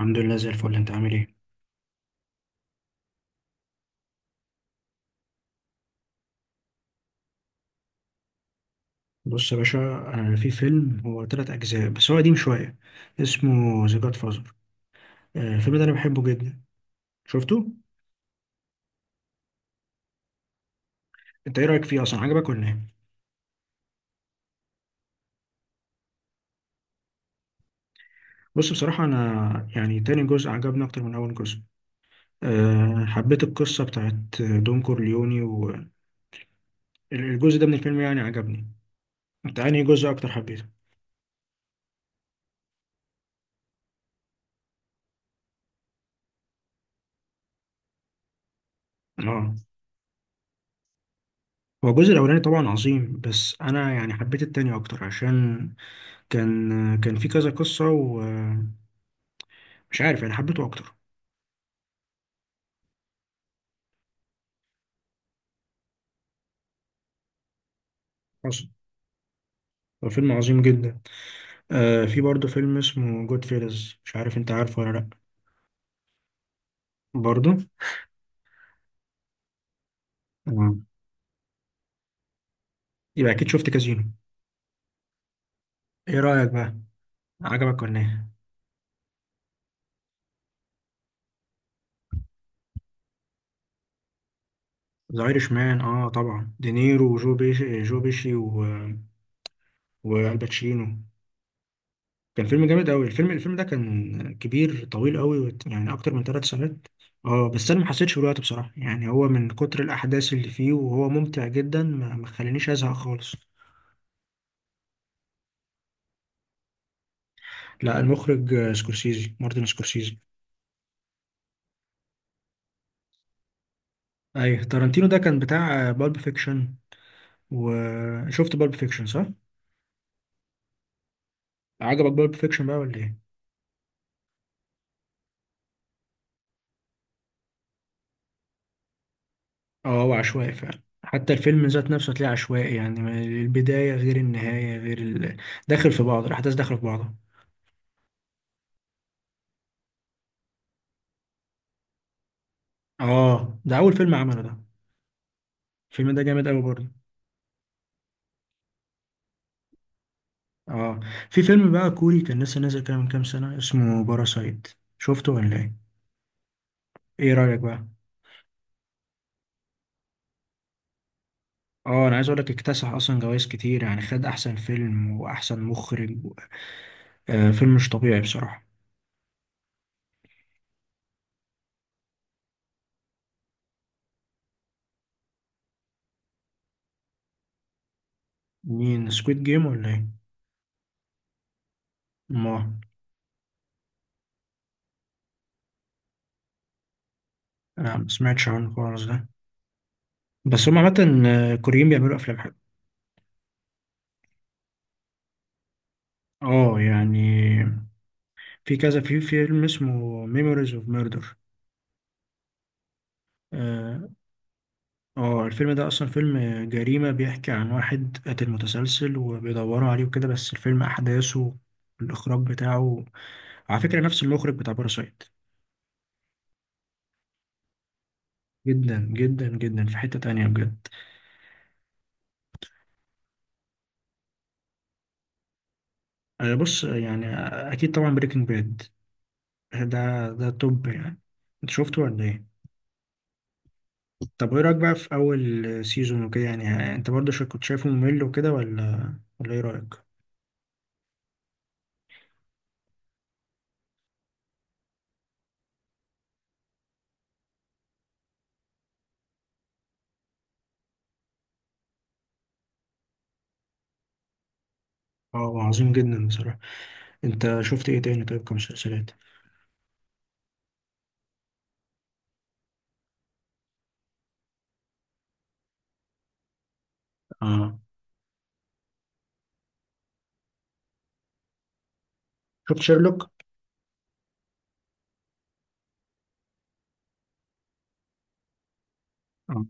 الحمد لله زي الفل. انت عامل ايه؟ بص يا باشا، في فيلم هو تلات اجزاء بس هو قديم شويه. اسمه ذا جاد فازر. الفيلم ده انا بحبه جدا. شفته. انت ايه رايك فيه؟ اصلا عجبك ولا ايه؟ بص، بصراحه انا يعني تاني جزء عجبني اكتر من اول جزء. حبيت القصه بتاعت دون كورليوني. والجزء ده من الفيلم يعني عجبني. انت انهي جزء اكتر حبيته؟ اه، هو الجزء الاولاني طبعا عظيم بس انا يعني حبيت التاني اكتر عشان كان كان في كذا قصه، ومش عارف، يعني حبيته اكتر. حصل. هو فيلم عظيم جدا. آه، في برضه فيلم اسمه جود فيلز، مش عارف انت عارفه ولا لا. برضه. مم. يبقى اكيد شفت كازينو. ايه رأيك بقى؟ عجبك ولا ايه؟ ذا ايرش مان، اه طبعا، دينيرو وجو بيشي والباتشينو. كان فيلم جامد قوي. الفيلم ده كان كبير طويل قوي يعني اكتر من 3 ساعات. اه، بس انا ما حسيتش بالوقت بصراحه. يعني هو من كتر الاحداث اللي فيه وهو ممتع جدا، ما خلانيش ازهق خالص. لا، المخرج سكورسيزي، مارتن سكورسيزي. ايوه، تارانتينو ده كان بتاع بالب فيكشن. وشفت بالب فيكشن صح؟ عجبك بالب فيكشن بقى ولا ايه؟ اه، هو عشوائي فعلا، حتى الفيلم ذات نفسه هتلاقيه عشوائي يعني البداية غير النهاية غير داخل في بعض الأحداث، داخلة في بعضها. اه، ده أول فيلم عمله ده. الفيلم ده جامد أوي برضه. اه. في فيلم بقى كوري كان لسه نازل كده من كام سنة، اسمه باراسايت. شفته ولا ايه؟ ايه رأيك بقى؟ اه، انا عايز اقول لك اكتسح اصلا جوائز كتير، يعني خد احسن فيلم واحسن مخرج و... فيلم مش طبيعي بصراحة. مين، سكويد جيم ولا ايه؟ ما انا ما سمعتش عنه خالص ده. بس هم عامة كوريين بيعملوا افلام حلوه. اه يعني. في فيلم اسمه ميموريز اوف ميردر. اه. الفيلم ده اصلا فيلم جريمة، بيحكي عن واحد قاتل متسلسل وبيدوروا عليه وكده. بس الفيلم احداثه، الاخراج بتاعه، على فكرة نفس المخرج بتاع باراسايت. جدا جدا جدا في حتة تانية بجد. بص يعني اكيد طبعا بريكنج باد ده ده توب يعني. انت شفته ولا ايه؟ طب ايه رأيك بقى في أول سيزون وكده؟ يعني أنت برضه كنت شايفه ممل وكده ولا ايه رأيك؟ اه، عظيم جدا بصراحة. أنت شفت ايه تاني طيب كمسلسلات؟ اه. شفت شيرلوك؟ اه.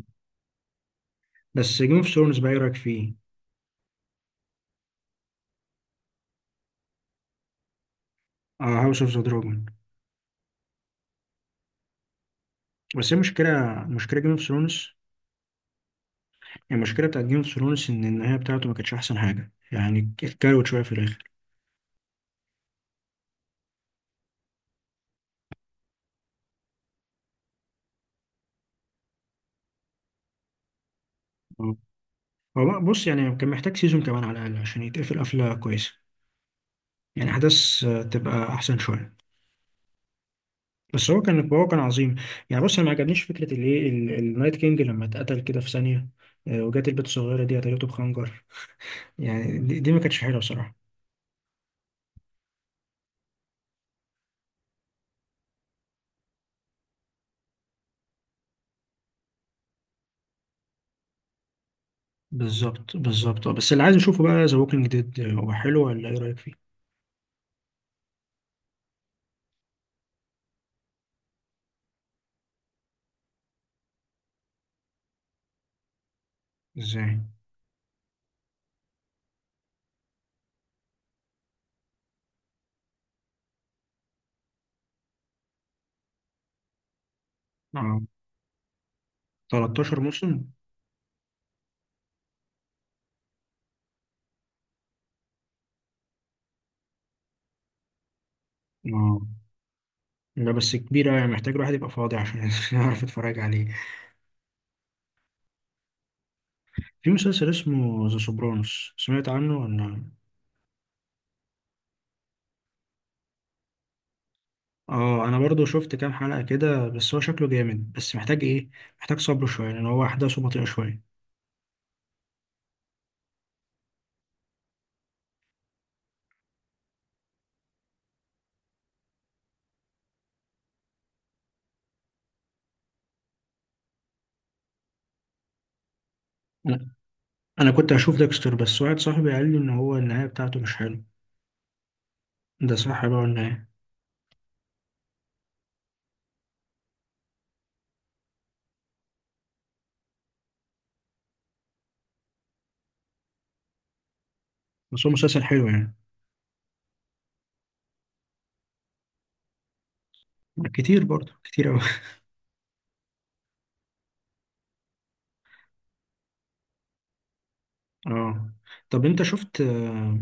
بس جيم اوف ثرونز بقى ايه رأيك فيه؟ اه، هاوس اوف ذا دراجون. بس هي مشكلة، مشكلة جيم اوف ثرونز. المشكلة بتاعت جيم اوف ثرونز إن النهاية بتاعته ما كانتش أحسن حاجة يعني، اتكروت شوية في الآخر. آه. هو بص يعني كان محتاج سيزون كمان على الأقل عشان يتقفل قفلة كويسة. يعني أحداث تبقى أحسن شوية. بس هو كان عظيم. يعني بص انا ما عجبنيش فكره النايت كينج لما اتقتل كده في ثانيه. وجات البت الصغيره دي قتلته بخنجر. يعني دي ما كانتش حلوه بصراحه. بالظبط بالظبط. بس اللي عايز اشوفه بقى ذا ووكينج ديد، هو حلو ولا ايه رايك فيه؟ ازاي؟ اه. 13 موسم. اه. لا بس كبيره، يعني محتاج الواحد يبقى فاضي عشان يعرف يتفرج عليه. في مسلسل اسمه ذا سوبرانوس، سمعت عنه ولا؟ اه انا برضو شفت كام حلقة كده بس هو شكله جامد. بس محتاج ايه، محتاج صبر شوية لان هو احداثه بطيئة شوية. انا أنا كنت هشوف ديكستر بس واحد صاحبي قال لي ان هو النهاية بتاعته مش حلو. ده صح بقى النهاية؟ بس هو مسلسل حلو يعني. كتير برضو، كتير اوي اه. طب انت شفت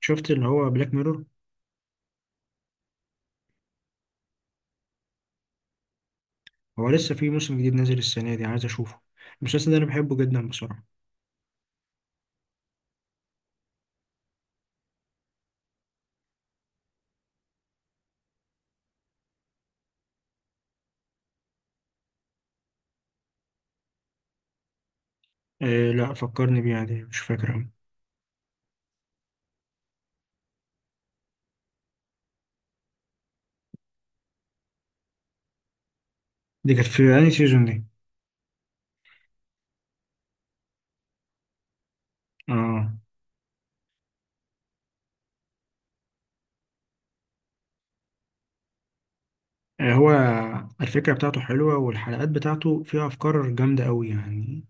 شفت اللي هو بلاك ميرور؟ هو لسه في موسم جديد نازل السنة دي، عايز اشوفه. المسلسل ده انا بحبه جدا بصراحة. إيه، لا فكرني بيه عادي، مش فاكر أوي. دي كانت في انهي سيزون دي؟ اه. هو الفكرة بتاعته حلوة والحلقات بتاعته فيها أفكار جامدة أوي يعني.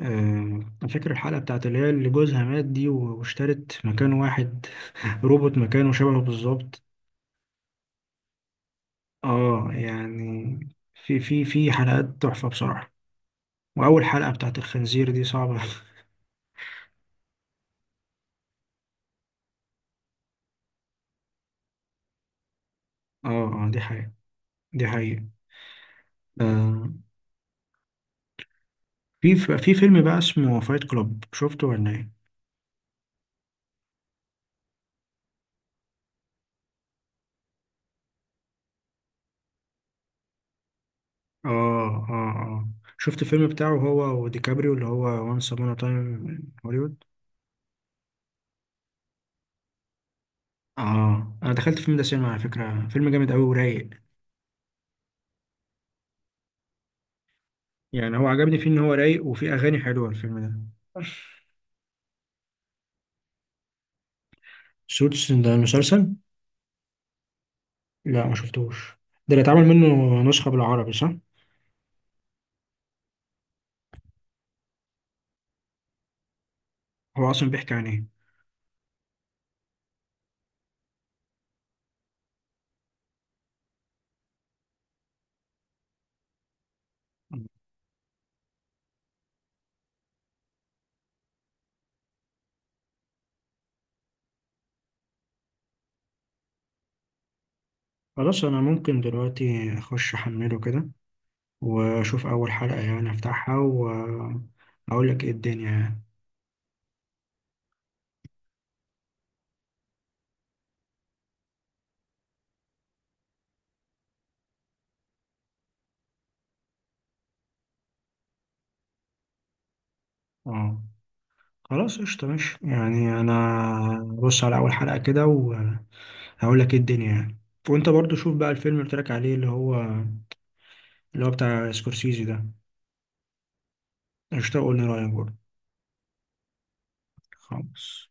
آه، أنا فاكر الحلقة بتاعت اللي هي اللي جوزها مات دي واشترت مكان واحد روبوت مكانه شبهه بالظبط. اه يعني في حلقات تحفة بصراحة. وأول حلقة بتاعت الخنزير دي صعبة اه، اه، دي حقيقة. دي حقيقة. آه، في فيلم بقى اسمه فايت كلوب، شفته ولا ايه؟ اه، اه، اه. شفت الفيلم بتاعه هو وديكابريو اللي هو وانس ابون تايم؟ اه، انا دخلت الفيلم ده سينما، على فكره فيلم جامد قوي ورايق. يعني هو عجبني فيه ان هو رايق وفيه اغاني حلوه الفيلم ده. سوتس ده المسلسل؟ لا، ما شفتوش. ده اللي اتعمل منه نسخه بالعربي صح؟ هو اصلا بيحكي عن ايه؟ خلاص انا ممكن دلوقتي اخش احمله كده واشوف اول حلقه، يعني افتحها واقول لك ايه الدنيا يعني. اه خلاص، قشطه ماشي، يعني انا بص على اول حلقه كده وهقول لك ايه الدنيا يعني. وانت برضو شوف بقى الفيلم اللي قلت لك عليه اللي هو بتاع سكورسيزي ده. قشطة، قول لي رأيك برضه. خلاص.